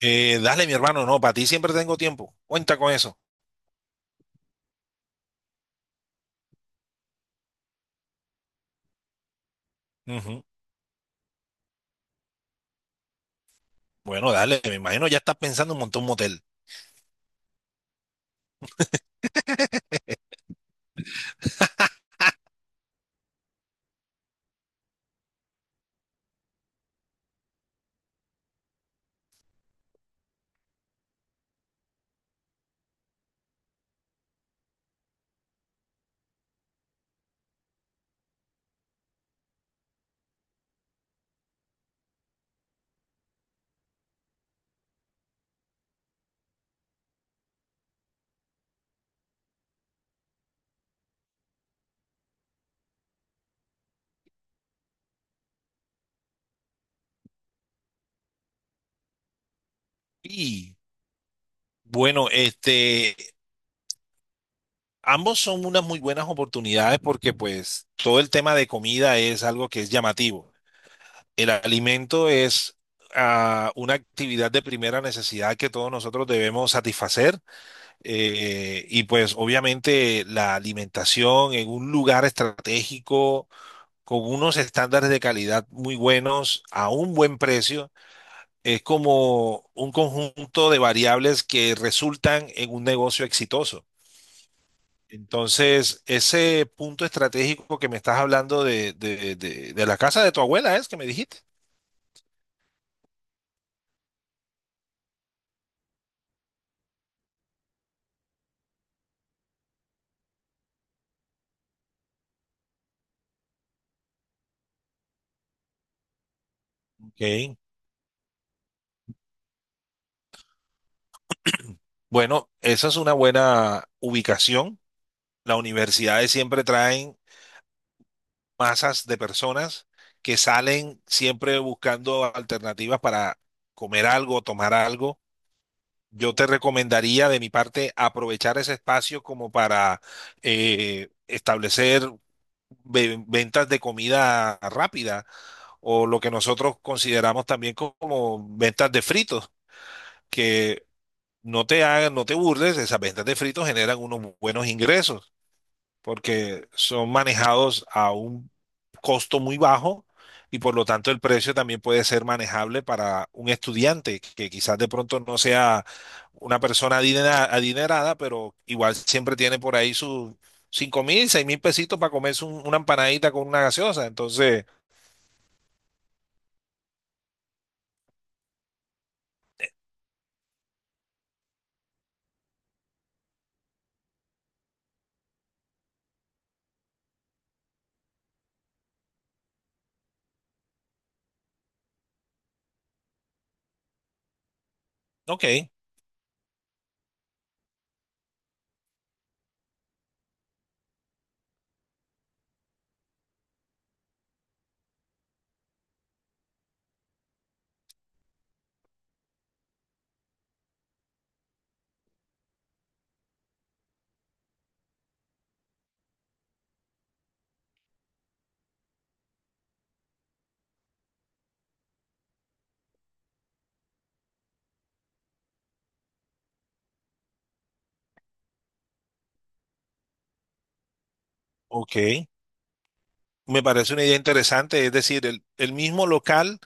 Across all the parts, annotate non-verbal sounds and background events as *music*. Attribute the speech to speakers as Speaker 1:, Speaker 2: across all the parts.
Speaker 1: Dale, mi hermano, no, para ti siempre tengo tiempo. Cuenta con eso. Ujú. Bueno, dale, me imagino ya estás pensando en montar un motel. *laughs* Y bueno, ambos son unas muy buenas oportunidades porque pues todo el tema de comida es algo que es llamativo. El alimento es una actividad de primera necesidad que todos nosotros debemos satisfacer, y pues obviamente la alimentación en un lugar estratégico con unos estándares de calidad muy buenos a un buen precio, es como un conjunto de variables que resultan en un negocio exitoso. Entonces, ese punto estratégico que me estás hablando de la casa de tu abuela es que me dijiste. Ok. Bueno, esa es una buena ubicación. Las universidades siempre traen masas de personas que salen siempre buscando alternativas para comer algo, tomar algo. Yo te recomendaría de mi parte aprovechar ese espacio como para, establecer ventas de comida rápida o lo que nosotros consideramos también como ventas de fritos, que no te burles, esas ventas de fritos generan unos buenos ingresos porque son manejados a un costo muy bajo y por lo tanto el precio también puede ser manejable para un estudiante que quizás de pronto no sea una persona adinerada, pero igual siempre tiene por ahí sus 5.000, 6.000 pesitos para comerse una empanadita con una gaseosa. Entonces, ok, ok. Me parece una idea interesante, es decir, el mismo local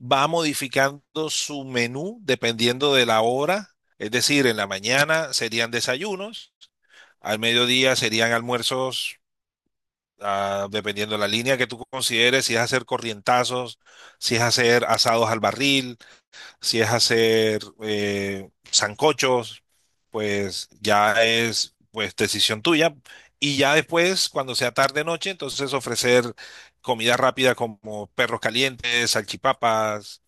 Speaker 1: va modificando su menú dependiendo de la hora. Es decir, en la mañana serían desayunos, al mediodía serían almuerzos, dependiendo de la línea que tú consideres, si es hacer corrientazos, si es hacer asados al barril, si es hacer, sancochos, pues ya es pues decisión tuya. Y ya después, cuando sea tarde noche, entonces ofrecer comida rápida como perros calientes, salchipapas.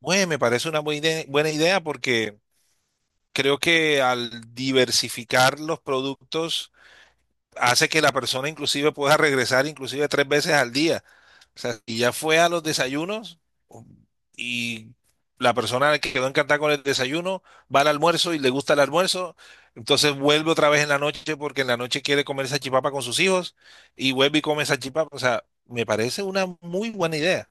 Speaker 1: Bueno, me parece una buena idea porque creo que al diversificar los productos hace que la persona inclusive pueda regresar inclusive tres veces al día. O sea, si ya fue a los desayunos y la persona que quedó encantada con el desayuno va al almuerzo y le gusta el almuerzo, entonces vuelve otra vez en la noche porque en la noche quiere comer salchipapa con sus hijos y vuelve y come salchipapa. O sea, me parece una muy buena idea.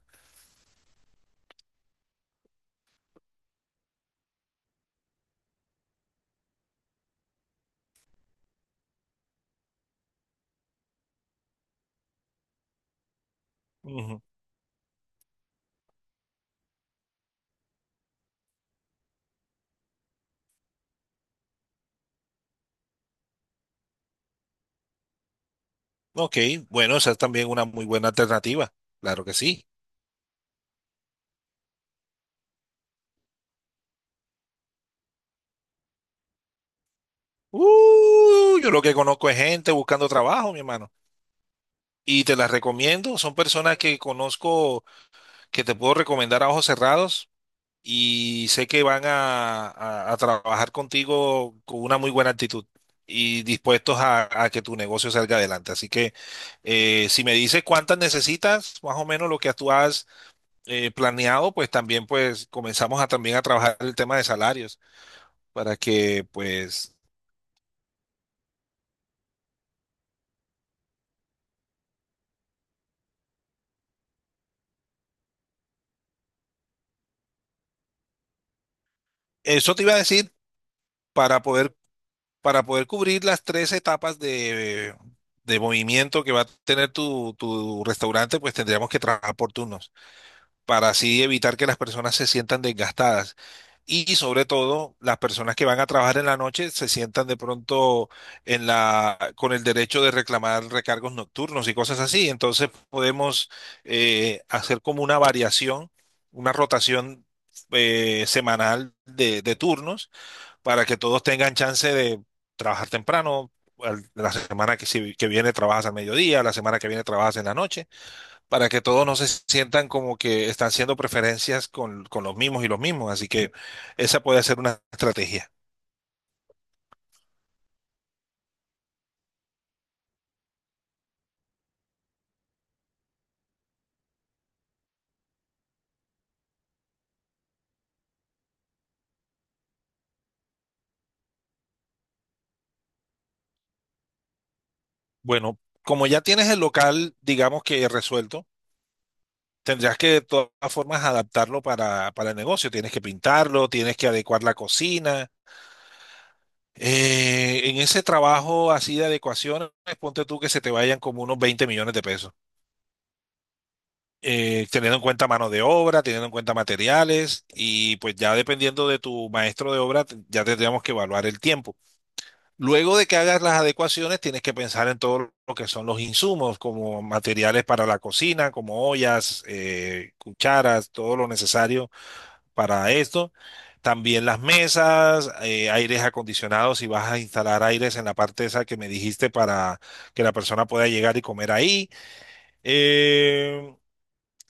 Speaker 1: Ok, bueno, esa es también una muy buena alternativa. Claro que sí. Yo lo que conozco es gente buscando trabajo, mi hermano. Y te las recomiendo. Son personas que conozco, que te puedo recomendar a ojos cerrados y sé que van a, a trabajar contigo con una muy buena actitud y dispuestos a que tu negocio salga adelante. Así que, si me dices cuántas necesitas, más o menos lo que tú has, planeado, pues también pues comenzamos a también a trabajar el tema de salarios, para que, pues, eso te iba a decir, para poder, para poder cubrir las tres etapas de movimiento que va a tener tu restaurante, pues tendríamos que trabajar por turnos, para así evitar que las personas se sientan desgastadas. Y, sobre todo, las personas que van a trabajar en la noche se sientan de pronto con el derecho de reclamar recargos nocturnos y cosas así. Entonces podemos, hacer como una variación, una rotación, semanal de turnos para que todos tengan chance de trabajar temprano. La semana que, si- que viene trabajas al mediodía, la semana que viene trabajas en la noche para que todos no se sientan como que están haciendo preferencias con los mismos y los mismos. Así que esa puede ser una estrategia. Bueno, como ya tienes el local, digamos que resuelto, tendrás que de todas formas adaptarlo para el negocio. Tienes que pintarlo, tienes que adecuar la cocina. En ese trabajo así de adecuaciones, ponte tú que se te vayan como unos 20 millones de pesos, teniendo en cuenta mano de obra, teniendo en cuenta materiales y pues ya dependiendo de tu maestro de obra, ya tendríamos que evaluar el tiempo. Luego de que hagas las adecuaciones, tienes que pensar en todo lo que son los insumos, como materiales para la cocina, como ollas, cucharas, todo lo necesario para esto. También las mesas, aires acondicionados, si vas a instalar aires en la parte esa que me dijiste para que la persona pueda llegar y comer ahí. Eh,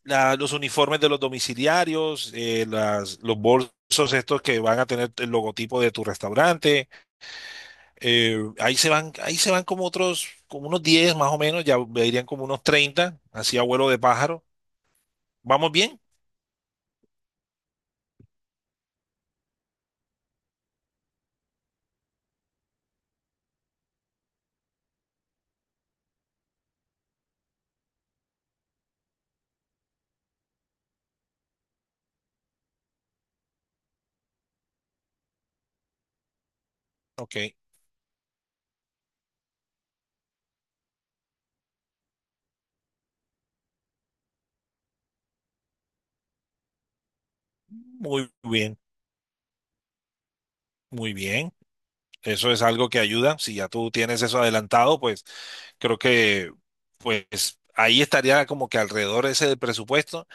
Speaker 1: los uniformes de los domiciliarios, los bolsos estos que van a tener el logotipo de tu restaurante. Eh, ahí se van como otros, como unos 10 más o menos, ya irían como unos 30 así a vuelo de pájaro. ¿Vamos bien? Ok, muy bien, muy bien. Eso es algo que ayuda. Si ya tú tienes eso adelantado, pues creo que pues ahí estaría como que alrededor ese del presupuesto.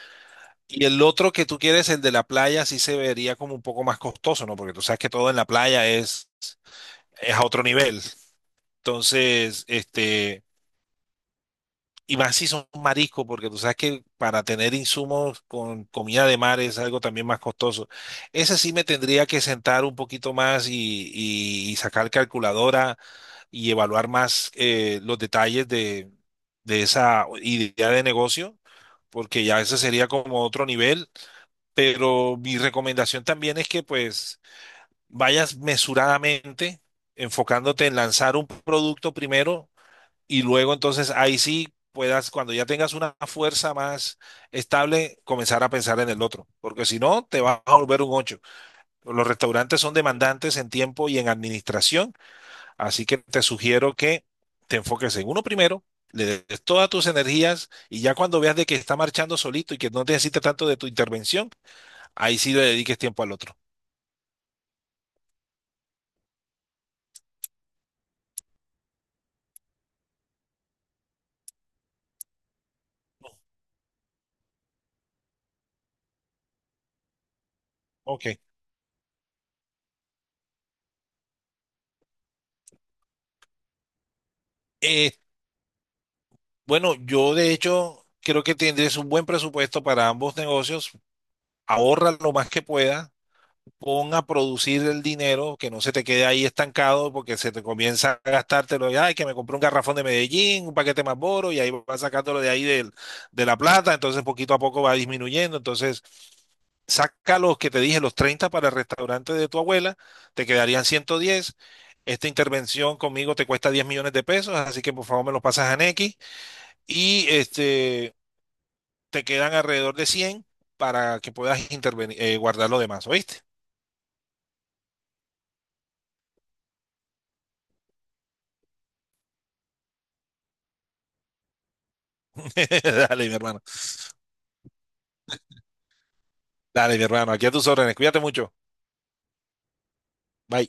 Speaker 1: Y el otro que tú quieres, el de la playa, sí se vería como un poco más costoso, ¿no? Porque tú sabes que todo en la playa es a otro nivel. Entonces, este, y más si son mariscos, porque tú sabes que para tener insumos con comida de mar es algo también más costoso. Ese sí me tendría que sentar un poquito más, y sacar calculadora y evaluar más, los detalles de esa idea de negocio, porque ya ese sería como otro nivel, pero mi recomendación también es que pues vayas mesuradamente enfocándote en lanzar un producto primero y luego entonces ahí sí puedas, cuando ya tengas una fuerza más estable, comenzar a pensar en el otro, porque si no, te vas a volver un ocho. Los restaurantes son demandantes en tiempo y en administración, así que te sugiero que te enfoques en uno primero. Le des todas tus energías y ya cuando veas de que está marchando solito y que no necesita tanto de tu intervención, ahí sí le dediques tiempo al otro. Ok. Eh, bueno, yo de hecho creo que tendrías un buen presupuesto para ambos negocios. Ahorra lo más que pueda. Pon a producir el dinero, que no se te quede ahí estancado porque se te comienza a gastártelo. Y, ay, que me compré un garrafón de Medellín, un paquete más boro y ahí vas sacándolo de ahí del- de la plata. Entonces poquito a poco va disminuyendo. Entonces saca los que te dije, los 30 para el restaurante de tu abuela, te quedarían 110. Esta intervención conmigo te cuesta 10 millones de pesos, así que por favor me los pasas a Nequi y este, te quedan alrededor de 100 para que puedas intervenir, guardar lo demás, ¿oíste? *laughs* Dale, mi hermano. Dale, mi hermano. Aquí a tus órdenes. Cuídate mucho. Bye.